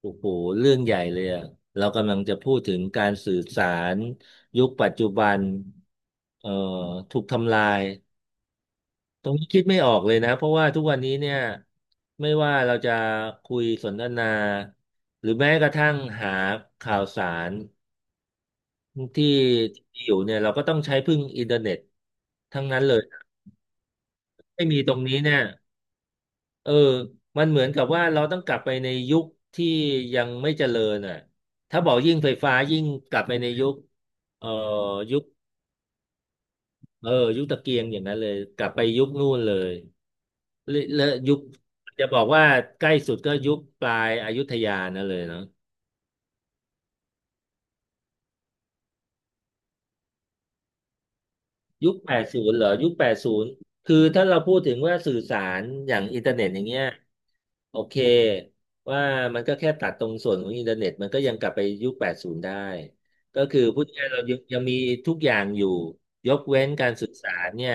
โอ้โหเรื่องใหญ่เลยอะเรากำลังจะพูดถึงการสื่อสารยุคปัจจุบันเอ่อถูกทำลายตรงนี้คิดไม่ออกเลยนะเพราะว่าทุกวันนี้เนี่ยไม่ว่าเราจะคุยสนทนาหรือแม้กระทั่งหาข่าวสารที่ที่อยู่เนี่ยเราก็ต้องใช้พึ่งอินเทอร์เน็ตทั้งนั้นเลยไม่มีตรงนี้เนี่ย เออมันเหมือนกับว่าเราต้องกลับไปในยุคที่ยังไม่เจริญอ่ะถ้าบอกยิ่งไฟฟ้ายิ่งกลับไปในยุคเอ่อยุคเออยุคตะเกียงอย่างนั้นเลย กลับไปยุคนู่นเลยและยุคจะบอกว่าใกล้สุดก็ยุคปลายอยุธยานั่นเลยเนาะ ยุคแปดสิบเหรอยุคแปดศูนคือถ้าเราพูดถึงว่าสื่อสารอย่างอินเทอร์เน็ตอย่างเงี้ยโอเคว่ามันก็แค่ตัดตรงส่วนของอินเทอร์เน็ตมันก็ยังกลับไปยุคแปดสิบได้ก็คือพูดง่ายๆเรายังมีทุกอย่างอยู่ยกเว้นการสื่อสารเนี่ย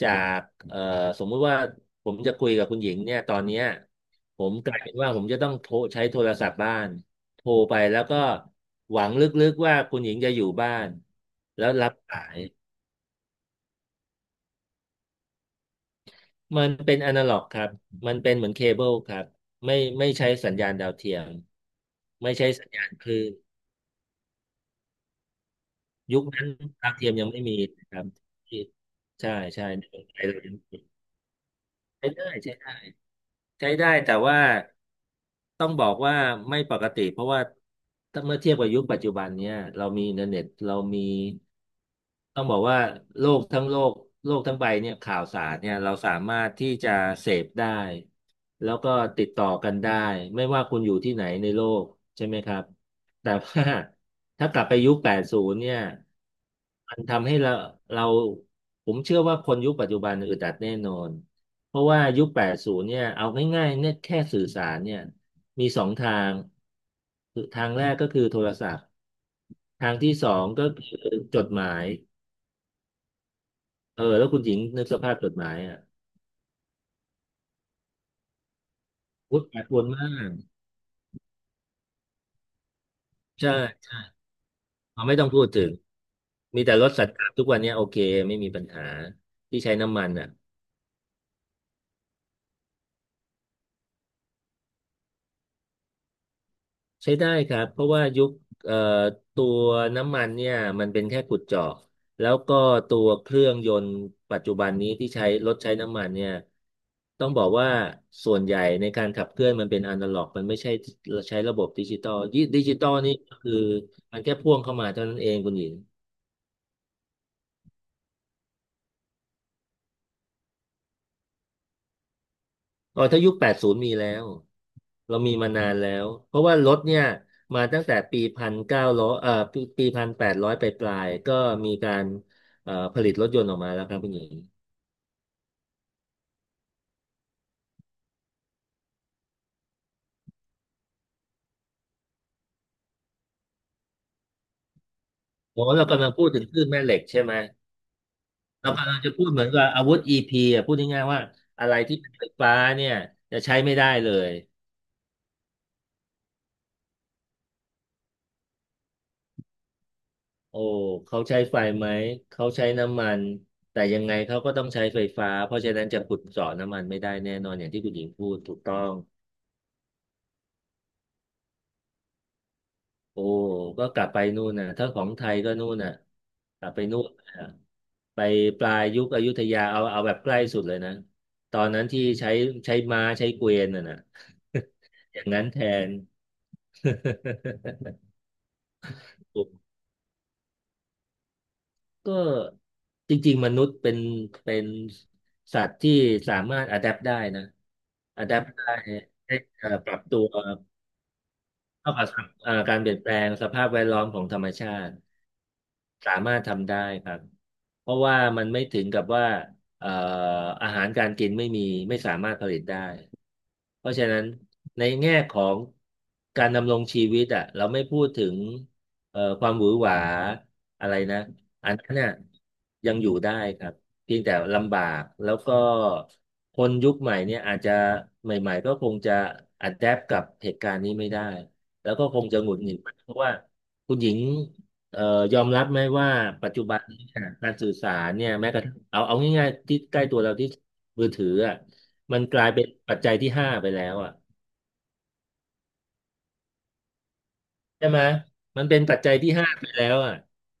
จากเอ่อสมมุติว่าผมจะคุยกับคุณหญิงเนี่ยตอนเนี้ยผมกลายเป็นว่าผมจะต้องโทรใช้โทรศัพท์บ้านโทรไปแล้วก็หวังลึกๆว่าคุณหญิงจะอยู่บ้านแล้วรับสาย มันเป็นอนาล็อกครับ มันเป็นเหมือนเคเบิลครับไม่ใช้สัญญาณดาวเทียม ไม่ใช้สัญญาณคลื่นยุคนั้นดาวเทียมยังไม่มีนะครับที่ใช่ ใช่ในเมืองไทยเรายังไม่มีใช้ได้ใช้ได้ ใช้ได้แต่ว่าต้องบอกว่าไม่ปกติเพราะว่าถ้าเมื่อเทียบกับยุคปัจจุบันเนี้ยเรามีอินเทอร์เน็ตเรามีต้องบอกว่าโลกทั้งโลกโลกทั้งใบเนี่ยข่าวสารเนี่ยเราสามารถที่จะเสพได้แล้วก็ติดต่อกันได้ไม่ว่าคุณอยู่ที่ไหนในโลกใช่ไหมครับแต่ว่าถ้ากลับไปยุค80เนี่ยมันทำให้เราผมเชื่อว่าคนยุคปัจจุบันอึดอัดแน่นอน เพราะว่ายุค 80เนี่ยเอาง่ายๆเนี่ยแค่สื่อสารเนี่ยมีสองทางคือทางแรกก็คือโทรศัพท์ทางที่สองก็คือจดหมายเออแล้วคุณหญิงนึกสภาพจดหมายอ่ะวุฒิแปดปรวนมากใช่ใช่เราไม่ต้องพูดถึง มีแต่รถสัตว์ทุกวันเนี้ยโอเค ไม่มีปัญหา ที่ใช้น้ำมันอ่ะ ใช้ได้ครับเพราะว่ายุคเอ่อตัวน้ำมันเนี่ยมันเป็นแค่ขุดเจาะแล้วก็ตัวเครื่องยนต์ปัจจุบันนี้ที่ใช้รถใช้น้ำมันเนี่ยต้องบอกว่าส่วนใหญ่ในการขับเคลื่อนมันเป็นอนาล็อกมันไม่ใช่ใช้ระบบดิจิตอลดิจิตอลนี่ก็คือมันแค่พ่วงเข้ามาเท่านั้นเองคุณหญิง อ๋อถ้ายุคแปดศูนย์มีแล้วเรามีมานานแล้วเพราะว่ารถเนี่ยมาตั้งแต่ปีพันเก้าร้อยปีพันแปดร้อยไปปลายๆก็มีการผลิตรถยนต์ออกมาแล้วครับคุณหญิงโอ้เรากำลังพูดถึงคลื่นแม่เหล็กใช่ไหมเรากำลังจะพูดเหมือนกับอาวุธ EP อ่ะพูดง่ายๆว่าอะไรที่เป็นไฟฟ้าเนี่ยจะใช้ไม่ได้เลยโอ้เขาใช้ไฟไหมเขาใช้น้ำมันแต่ยังไงเขาก็ต้องใช้ไฟฟ้าเพราะฉะนั้นจะขุดเจาะน้ำมันไม่ได้แน่นอนอย่างที่คุณหญิงพูดถูกต้อง โอ้ก็กลับไปนู่นน่ะถ้าของไทยก็นู่นน่ะกลับไปนู่นน่ะไปปลายยุคอยุธยาเอาเอาแบบใกล้สุดเลยนะตอนนั้นที่ใช้ใช้ม้าใช้เกวียนน่ะนะ อย่างนั้นแทน ก็จริงๆมนุษย์เป็นสัตว์ที่สามารถอะแดปได้นะอะแดปได้ให้ปรับตัว เท่ากับการเปลี่ยนแปลงสภาพแวดล้อมของธรรมชาติสามารถทำได้ครับเพราะว่ามันไม่ถึงกับว่าเอ่ออาหารการกินไม่มีไม่สามารถผลิตได้ เพราะฉะนั้นในแง่ของการดำรงชีวิตอ่ะเราไม่พูดถึงความหวือหวาอะไรนะอันนั้นน่ะยังอยู่ได้ครับเพียงแต่ลำบากแล้วก็คนยุคใหม่เนี่ยอาจจะใหม่ๆก็คงจะ adapt กับเหตุการณ์นี้ไม่ได้ แล้วก็คงจะหงุดหงิดเพราะว่าคุณหญิงเอ่อยอมรับไหมว่าปัจจุบันนี้เนี่ยการสื่อสารเนี่ยแม้กระทั่งเอาง่ายๆที่ใกล้ตัวเราที่มือถืออ่ะมันกลายเป็นปัจจัยที่ห้าไปแล้วอ่ะใช่ไหมมันเป็นปัจจัยที่ห้าไปแล้วอ่ะ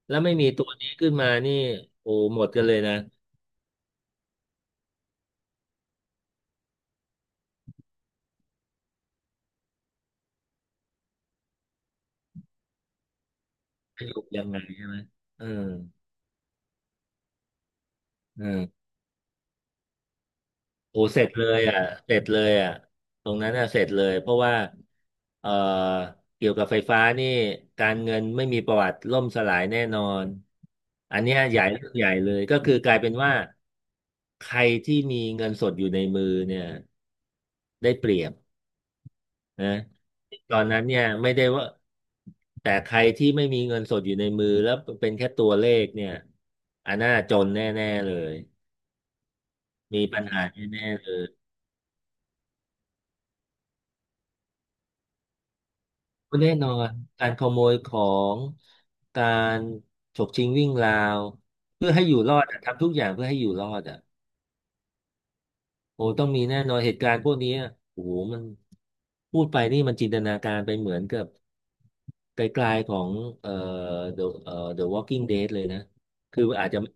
แล้วไม่มีตัวนี้ขึ้นมานี่โอ้หมดกันเลยนะจะอยู่ยังไงใช่ไหมเออเออ โอ้เสร็จเลยอ่ะเสร็จเลยอ่ะตรงนั้นอ่ะเสร็จเลยเพราะว่าเอ่อเกี่ยวกับไฟฟ้านี่การเงินไม่มีประวัติล่มสลายแน่นอนอันเนี้ยใหญ่เรื่องใหญ่เลยก็คือกลายเป็นว่าใครที่มีเงินสดอยู่ในมือเนี่ยได้เปรียบนะตอนนั้นเนี่ยไม่ได้ว่าแต่ใครที่ไม่มีเงินสดอยู่ในมือแล้วเป็นแค่ตัวเลขเนี่ยอันน่าจนแน่ๆเลยมีปัญหาแน่ๆเลย แน่นอนการขโมยของการฉกชิงวิ่งราวเพื่อให้อยู่รอดอะทำทุกอย่างเพื่อให้อยู่รอดอ่ะโอ้ต้องมีแน่นอนเหตุการณ์พวกนี้อะโอ้โหมันพูดไปนี่มันจินตนาการไปเหมือนกับไกลๆของเอ่อ The Walking Dead เลยนะคืออาจจะไม่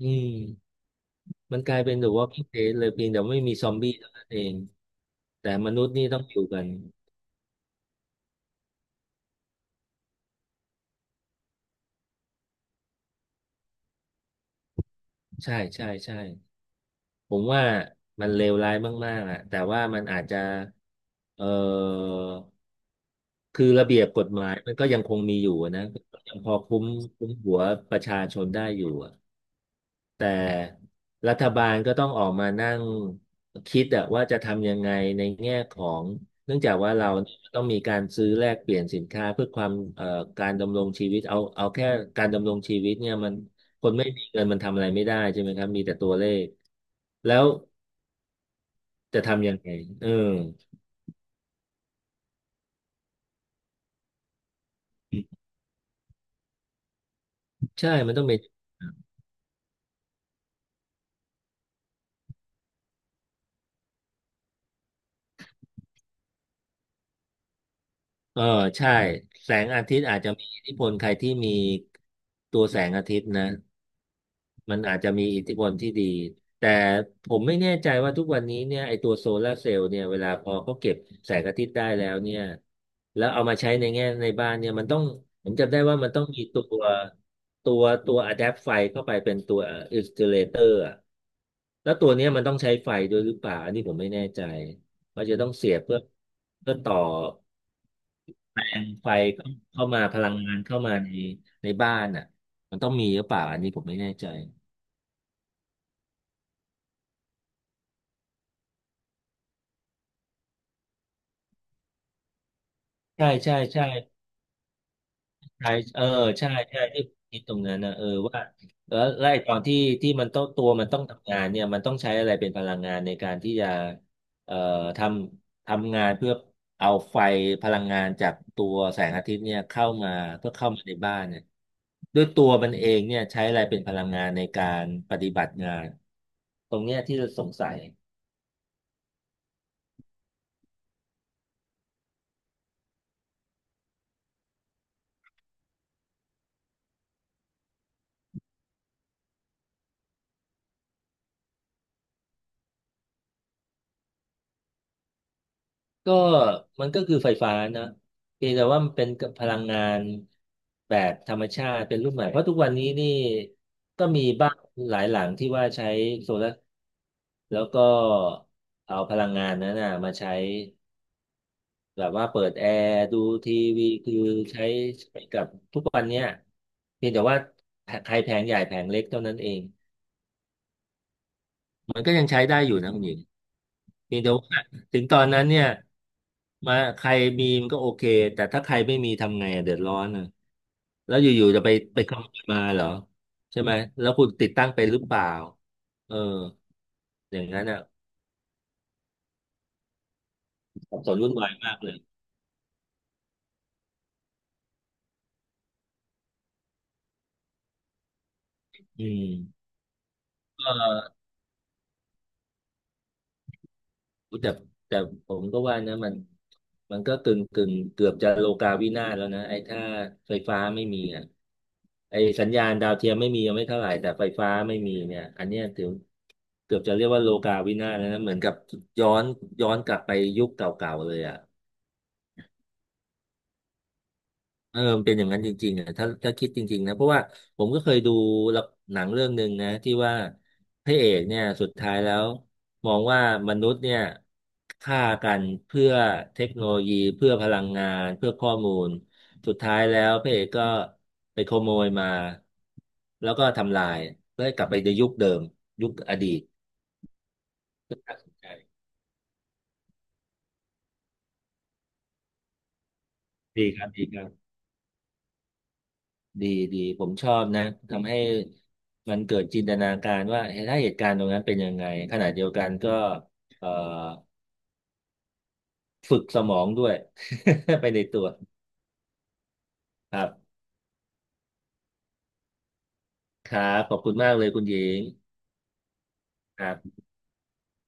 อืมมันกลายเป็น The Walking Dead เลยเพียงแต่ไม่มีซอมบี้เท่านั้นเองแต่มนุษย์นี่ต้องอยู่กันใช่ใช่ใช่ ผมว่ามันเลวร้ายมากๆอะแต่ว่ามันอาจจะเอ่อคือระเบียบกฎหมายมันก็ยังคงมีอยู่อะนะก็ยังพอคุ้มคุ้มหัวประชาชนได้อยู่อะแต่รัฐบาลก็ต้องออกมานั่งคิดอะว่าจะทำยังไงในแง่ของเนื่องจากว่าเราเนี่ยต้องมีการซื้อแลกเปลี่ยนสินค้าเพื่อความการดำรงชีวิตเอาแค่การดำรงชีวิตเนี่ยมันคนไม่มีเงินมันทำอะไรไม่ได้ใช่ไหมครับมีแต่ตัวเลขแล้ว จะทำยังไงเออใช่มันต้องเป็นเออใช่ แสงอาทิตย์อาจจะมีอิทธิพลใครที่มีตัวแสงอาทิตย์นะ มันอาจจะมีอิทธิพลที่ดี แต่ผมไม่แน่ใจว่าทุกวันนี้เนี่ยไอตัวโซลาร์เซลล์เนี่ยเวลาพอเขาเก็บแสงอาทิตย์ได้แล้วเนี่ยแล้วเอามาใช้ในแง่ในบ้านเนี่ยมันต้องผมจำได้ว่ามันต้องมีตัวตัวอะแดปไฟเข้าไปเป็นตัวอินส u เลเตอร์แล้วตัวเนี้ยมันต้องใช้ไฟด้วยหรือเปล่าอันนี้ผมไม่แน่ใจว่าจะต้องเสียบเพื่อเพื่อต่อไฟเข้ามาพลังงานเข้ามาในในบ้านอ่ะมันต้องมีหรือเปล่าอันนี้ผมไม่แน่ใจใช่ใช่ใช่ ใช่เออใช่ใช่ที่ผมคิดตรงนั้นนะเออว่าแล้วแล้วไอ้ตอนที่ที่มันต้องตัวมันต้องทำงานเนี่ยมันต้องใช้อะไรเป็นพลังงานในการที่จะเอ่อททำงานเพื่อเอาไฟพลังงานจากตัวแสงอาทิตย์เนี่ยเข้ามาเพื่อเข้ามาในบ้านเนี่ยด้วยตัวมันเองเนี่ยใช้อะไรเป็นพลังงานในการปฏิบัติงานตรงเนี้ยที่เราสงสัย ก็มันก็คือไฟฟ้านะเพียงแต่ว่ามันเป็นพลังงานแบบธรรมชาติเป็นรูปใหม่เพราะทุกวันนี้นี่ก็มีบ้านหลายหลังที่ว่าใช้โซลาร์แล้วก็เอาพลังงานนั้นนะมาใช้แบบว่าเปิดแอร์ดูทีวีคือใช้ใช้กับทุกวันเนี้ยเพียงแต่ว่าแผงใหญ่แผงเล็กเท่านั้นเอง มันก็ยังใช้ได้อยู่นะคุณหญิงเพียงแต่ว่าถึงตอนนั้นเนี่ยมาใครมีมันก็โอเคแต่ถ้าใครไม่มีทำไงอะเดือดร้อนนะแล้วอยู่ๆจะไปไปขโมยมาเหรอใช่ไหมแล้วคุณติดตั้งไปหรือเปล่าเอออย่างนั้นอ่ะสับสนวุ่นวายมากเลยอืมเออ อุ๊ยแต่แต่ผมก็ว่านะมันมันก็กึ่งกึ่งเกือบจะโลกาวินาศแล้วนะไอ้ถ้าไฟฟ้าไม่มีอ่ะไอ้สัญญาณดาวเทียมไม่มียังไม่เท่าไหร่แต่ไฟฟ้าไม่มีเนี่ยอันเนี้ยถือเกือบจะเรียกว่าโลกาวินาศแล้วนะเหมือนกับย้อนกลับไปยุคเก่าๆเลยอ่ะ เออมันเป็นอย่างนั้นจริงๆอ่ะถ้าถ้าคิดจริงๆนะเพราะว่าผมก็เคยดูละหนังเรื่องหนึ่งนะที่ว่าพระเอกเนี่ยสุดท้ายแล้วมองว่ามนุษย์เนี่ยฆ่ากันเพื่อเทคโนโลยีเพื่อพลังงานเพื่อข้อมูลสุดท้ายแล้วพระเอกก็ไปขโมยมาแล้วก็ทำลายเพื่อให้กลับไปในยุคเดิมยุคอดีตน่าสนใจดีครับดีครับ ดีดีผมชอบนะทำให้มันเกิดจินตนาการว่าเฮ้ยถ้าเหตุการณ์ตรงนั้นเป็นยังไงขณะเดียวกันก็เอ่อฝึกสมองด้วย ไปในตัวครับครับขอบคุณมากเลยคุณหญิงครับ